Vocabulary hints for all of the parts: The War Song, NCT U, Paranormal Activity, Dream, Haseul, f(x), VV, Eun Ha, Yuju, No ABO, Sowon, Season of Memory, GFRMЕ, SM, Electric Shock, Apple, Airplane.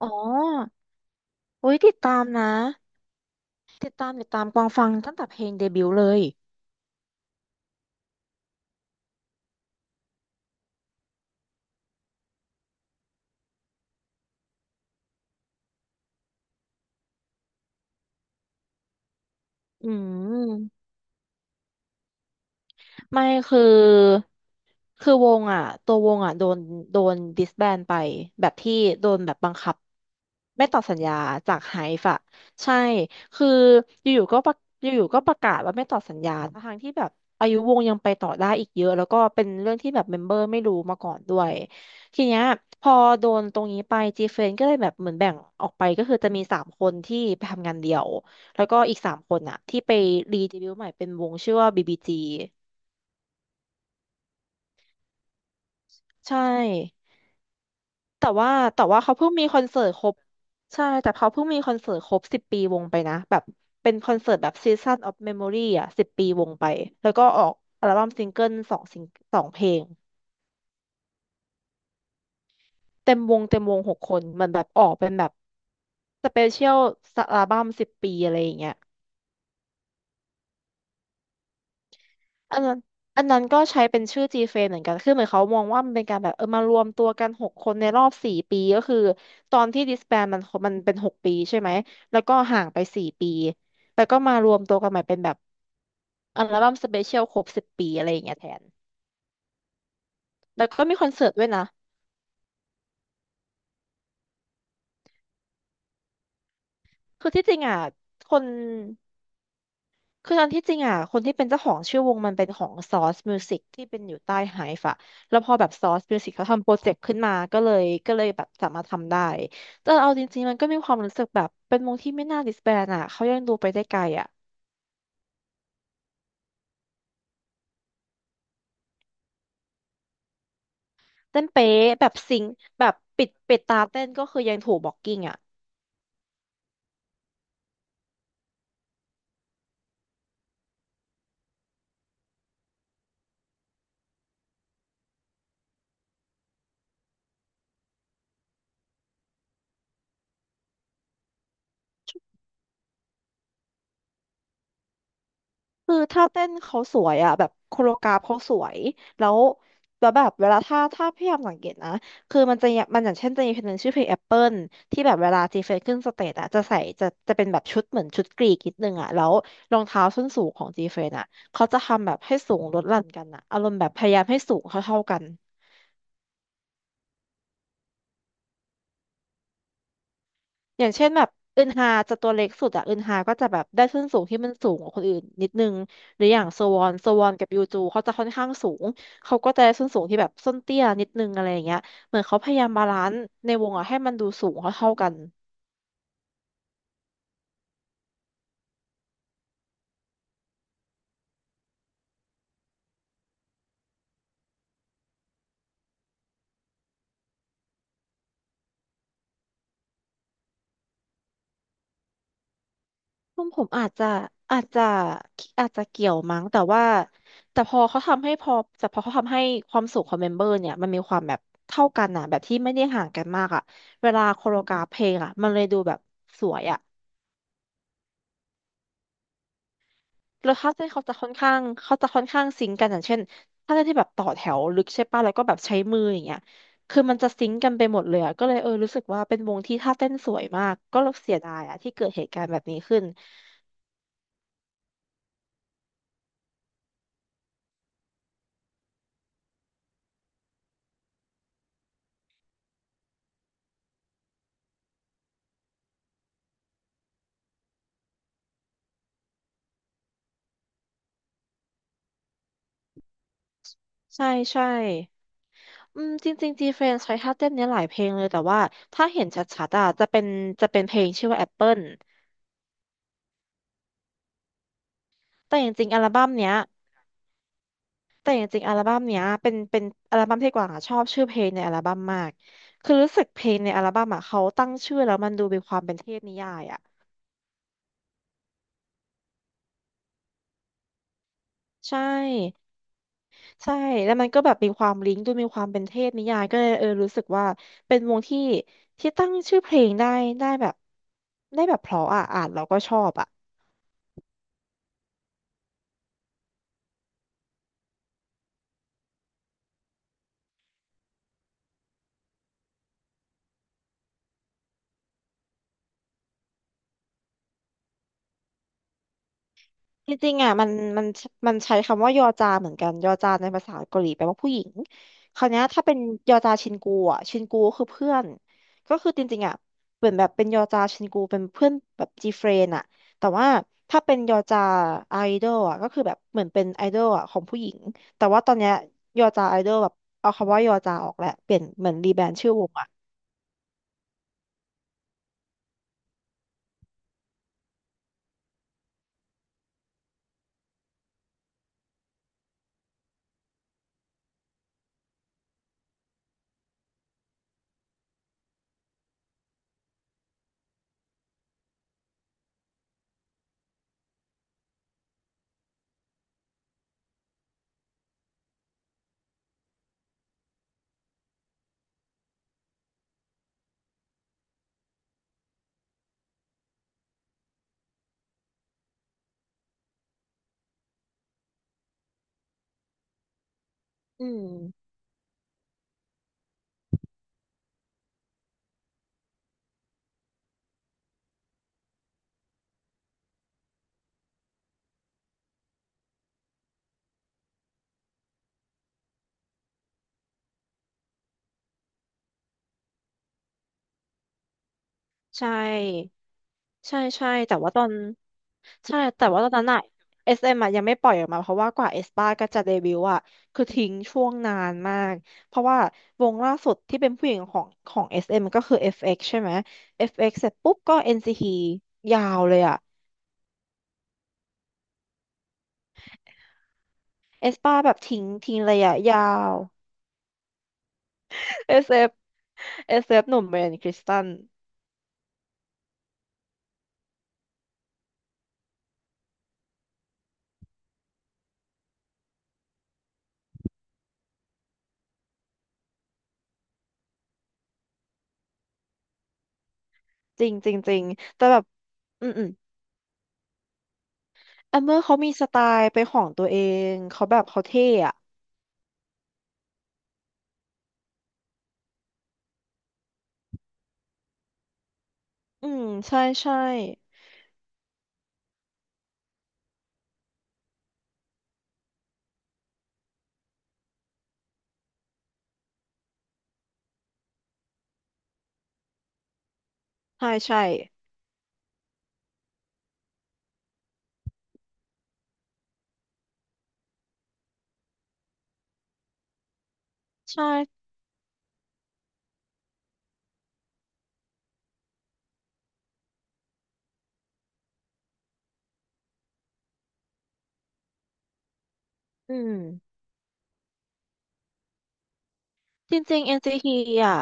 อ๋ออุ้ยติดตามนะติดตามติดตามกวางฟังตั้งแต่เพลงเดบิวต์เลยอืม ไม่คือคือวงอ่ะตัววงอ่ะโดนดิสแบนไปแบบที่โดนแบบบังคับไม่ต่อสัญญาจากไฮฟ์อะใช่คืออยู่ๆก็ประอยู่ๆก็ประกาศว่าไม่ต่อสัญญาทางที่แบบอายุวงยังไปต่อได้อีกเยอะแล้วก็เป็นเรื่องที่แบบเมมเบอร์ไม่รู้มาก่อนด้วยทีเนี้ยพอโดนตรงนี้ไปจีเฟนก็เลยแบบเหมือนแบ่งออกไปก็คือจะมีสามคนที่ไปทำงานเดี่ยวแล้วก็อีกสามคนอะที่ไปรีเดบิวต์ใหม่เป็นวงชื่อว่าบีบีจี ใช่ แต่ว่าแต่ว่าเขาเพิ่งมีคอนเสิร์ตครบใช่แต่เขาเพิ่งมีคอนเสิร์ตครบสิบปีวงไปนะแบบเป็นคอนเสิร์ตแบบ Season of Memory อ่ะ10 ปีวงไปแล้วก็ออกอัลบั้มซิงเกิล2 เพลงเต็มวงเต็มวงหกคนเหมันแบบออกเป็นแบบสเปเชียลอัลบั้มสิบปีอะไรอย่างเงี้ย อันนั้นอันนั้นก็ใช้เป็นชื่อ g f r m e เหมือนกัน คือเหมือนเขามองว่ามันเป็นการแบบเออมารวมตัวกันหกคนในรอบสี่ปีก็คือตอนที่ disband มันเป็น6 ปีใช่ไหม แล้วก็ห่างไป4 ปีแล้วก็มารวมตัวกันใหม่เป็นแบบอัลบั้มสเปเชียลครบสิบปีอะไรอย่างเงี้ยแทน แล้วก็มีคอนเสิร์ตด้วยนะ คือที่จริงอ่ะคน คือตอนที่จริงอ่ะคนที่เป็นเจ้าของชื่อวงมันเป็นของซอสมิวสิกที่เป็นอยู่ใต้ไฮฟ์อะแล้วพอแบบซอสมิวสิกเขาทำโปรเจกต์ขึ้นมาก็เลยแบบสามารถทำได้แต่เอาจริงๆมันก็มีความรู้สึกแบบเป็นวงที่ไม่น่าดิสแบนอ่ะเขายังดูไปได้ไกลอ่ะเต้นเป๊ะแบบซิงค์แบบปิดตาเต้นก็คือยังถูกบล็อกกิ้งอ่ะ คือท่าเต้นเขาสวยอ่ะแบบโคโรกราฟเขาสวยแล้วแล้วแบบเวลาถ้าพยายามสังเกตนะคือมันจะอย่างมันอย่างเช่นจะมีเพลงหนึ่งชื่อเพลงแอปเปิลที่แบบเวลาจีเฟสขึ้นสเตจอ่ะจะเป็นแบบชุดเหมือนชุดกรีกนิดนึงอ่ะแล้วรองเท้าส้นสูงของจีเฟสอ่ะเขาจะทำแบบให้สูงลดหลั่นกันอ่ะอารมณ์แบบพยายามให้สูงเท่าๆกัน อย่างเช่นแบบอึนฮาจะตัวเล็กสุดอะอึนฮาก็จะแบบได้ส้นสูงที่มันสูงกว่าคนอื่นนิดนึงหรืออย่างโซวอนโซวอนกับยูจูเขาจะค่อนข้างสูงเขาก็จะได้ส้นสูงที่แบบส้นเตี้ยนิดนึงอะไรอย่างเงี้ยเหมือนเขาพยายามบาลานซ์ในวงอะให้มันดูสูงเท่าๆกันผมอาจจะอาจจะเกี่ยวมั้งแต่ว่าแต่พอเขาทำให้พอแต่พอเขาทำให้ความสูงของเมมเบอร์เนี่ยมันมีความแบบเท่ากันอะแบบที่ไม่ได้ห่างกันมากอะเวลาโคโรกราฟเพลงอะมันเลยดูแบบสวยอะ แล้วคลาสเต้นเขาจะค่อนข้างซิงก์กันอย่างเช่นถ้าเต้นที่แบบต่อแถวลึกใช่ป่ะแล้วก็แบบใช้มืออย่างเงี้ยคือมันจะซิงก์กันไปหมดเลยอะก็เลยเออรู้สึกว่าเป็นวงที่ท่าเต้นสวยมากก็เสียดายอะที่เกิดเหตุการณ์แบบนี้ขึ้นใช่ใช่อืมจริงๆจีเฟนใช้ท่าเต้นเนี้ยหลายเพลงเลยแต่ว่าถ้าเห็นชัดๆอะจะเป็นเพลงชื่อว่าแอปเปิลแต่จริงๆอัลบั้มเนี้ย แต่จริงๆอัลบั้มเนี้ยเป็นอัลบั้มที่กวางอะชอบชื่อเพลงในอัลบั้มมากคือรู้สึกเพลงในอัลบั้มอะเขาตั้งชื่อแล้วมันดูมีความเป็นเทพนิยายอะใช่ใช่แล้วมันก็แบบมีความลิงก์ดูมีความเป็นเทพนิยายก็เลยเออรู้สึกว่าเป็นวงที่ตั้งชื่อเพลงได้แบบได้แบบเพราะอะอ่านแล้วก็ชอบอะ จริงๆอ่ะมันมันใช้คำว่ายอจาเหมือนกันยอจาในภาษาเกาหลีแปลว่าผู้หญิงคราวเนี้ยถ้าเป็นยอจาชินกูอ่ะชินกูก็คือเพื่อนก็คือจริงๆอ่ะเหมือนแบบเป็นยอจาชินกูเป็นเพื่อนแบบจีเฟรนอ่ะแต่ว่าถ้าเป็นยอจาไอดอลอ่ะก็คือแบบเหมือนเป็นไอดอลอ่ะของผู้หญิงแต่ว่าตอนเนี้ยยอจาไอดอลแบบเอาคำว่ายอจาออกแหละเปลี่ยนเหมือนรีแบรนด์ชื่อวงอ่ะอืมใช่ ใช่ใช่แต่ว่าตอนใช่แต่ว่าตอนนั้นอะ SM อสเอ็มอะยังไม่ปล่อยออกมาเพราะว่ากว่าเอสป้าก็จะเดบิวต์อะคือทิ้งช่วงนานมากเพราะว่าวงล่าสุดที่เป็นผู้หญิงของ SM ก็คือ FX ใช่ไหม FX เอ็กซ์เสร็จปุ๊บก็ n c ีทียาวเลยอะเอสป้าแบบทิ้งระยะยาว SF SF หนุ่มเบรนคริสตันจริงจริงจริงแต่แบบอืมอืมแอมเมอร์เขามีสไตล์เป็นของตัวเองเขาแบบเขาเท่อะอืมใช่ใช่ใช่ใช่ ใช่ อืมจริงๆ NCT อนซีทีอ่ะ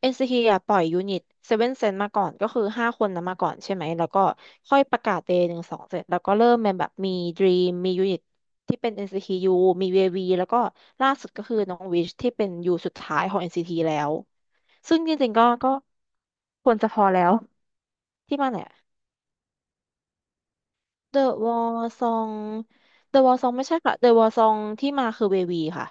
NCT อนซีทีอ่ะปล่อยยูนิตเซเว่นเซนมาก่อนก็คือห้าคนนะมาก่อนใช่ไหมแล้วก็ค่อยประกาศเดย์หนึ่งสองเสร็จแล้วก็เริ่มเป็นแบบมี Dream มียูนิตที่เป็น NCTU มี VV แล้วก็ล่าสุดก็คือน้องวิชที่เป็นยูสุดท้ายของ NCT แล้วซึ่งจริงๆก็ควรจะพอแล้วที่มาเนี่ย The w a r Song The w a l Song ไม่ใช่ค่ะ The w a r Song ที่มาคือ VV ค่ะ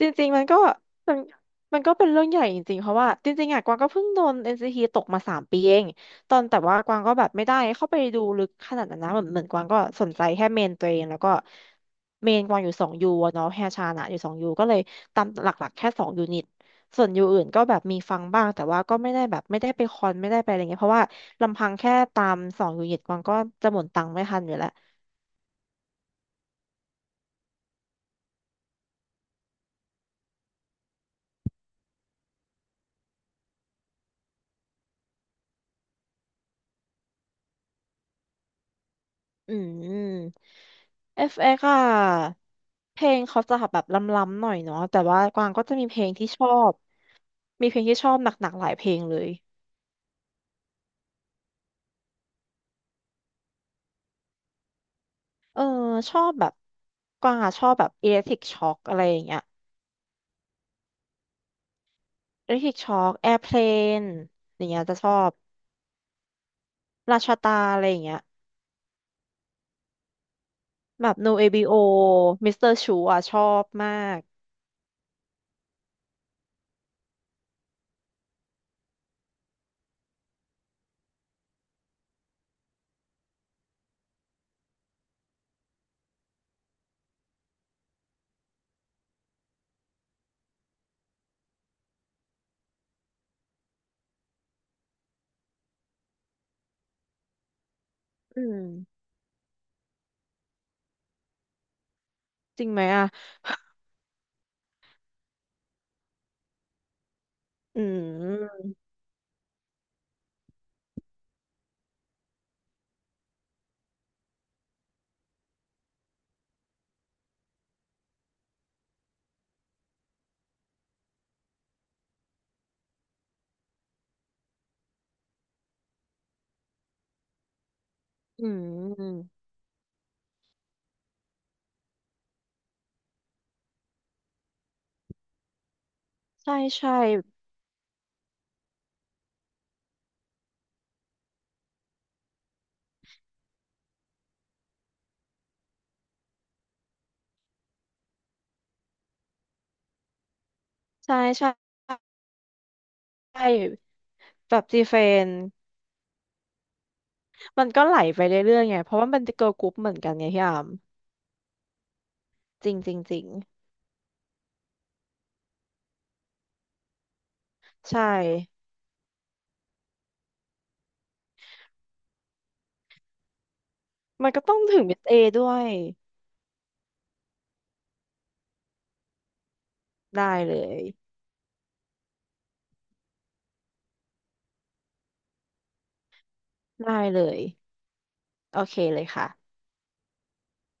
จริงๆมันก็มันมันก็เป็นเรื่องใหญ่จริงๆเพราะว่าจริงๆอ่ะกวางก็เพิ่งโดน NCT ตกมาสามปีเองตอนแต่ว่ากวางก็แบบไม่ได้เข้าไปดูลึกขนาดนั้นนะเหมือนกวางก็สนใจแค่เมนตัวเองแล้วก็เมนกวางอยู่สองยูอะเนาะแฮชานะอยู่สองยูก็เลยตามหลักๆแค่สองยูนิตส่วนยูอื่นก็แบบมีฟังบ้างแต่ว่าก็ไม่ได้แบบไม่ได้ไปคอนไม่ได้ไปอะไรเงี้ยเพราะว่าลำพังแค่ตามสองยูนิตกวางก็จะหมดตังค์ไม่ทันอยู่แล้ว อืม FX อ่ะเพลงเขาจะแบบล้ำๆหน่อยเนาะแต่ว่ากวางก็จะมีเพลงที่ชอบมีเพลงที่ชอบหนักๆหลายเพลงเลยเออชอบแบบกวางอ่ะชอบแบบ Electric Shock อคอะไรอย่างเงี้ย Electric Shock Airplane อคแอร์เพลนอย่างเงี้ยจะชอบราชาตาอะไรอย่างเงี้ยแบบ No ABO Mr. Chu อ่ะชอบมากอืมจริงไหมอ่ะอืมอืมใช่ใช่ใช่ใช่ใช่แบบจีเฟน มันก็ไหลไปเรื่อยๆไง เพราะว่ามันเป็นเกิร์ลกรุ๊ปเหมือนกันไงพี่อามจริงจริงจริงใช่ มันก็ต้องถึงมิสเอด้วย ได้เลย ได้เลย โอเคเลยค่ะ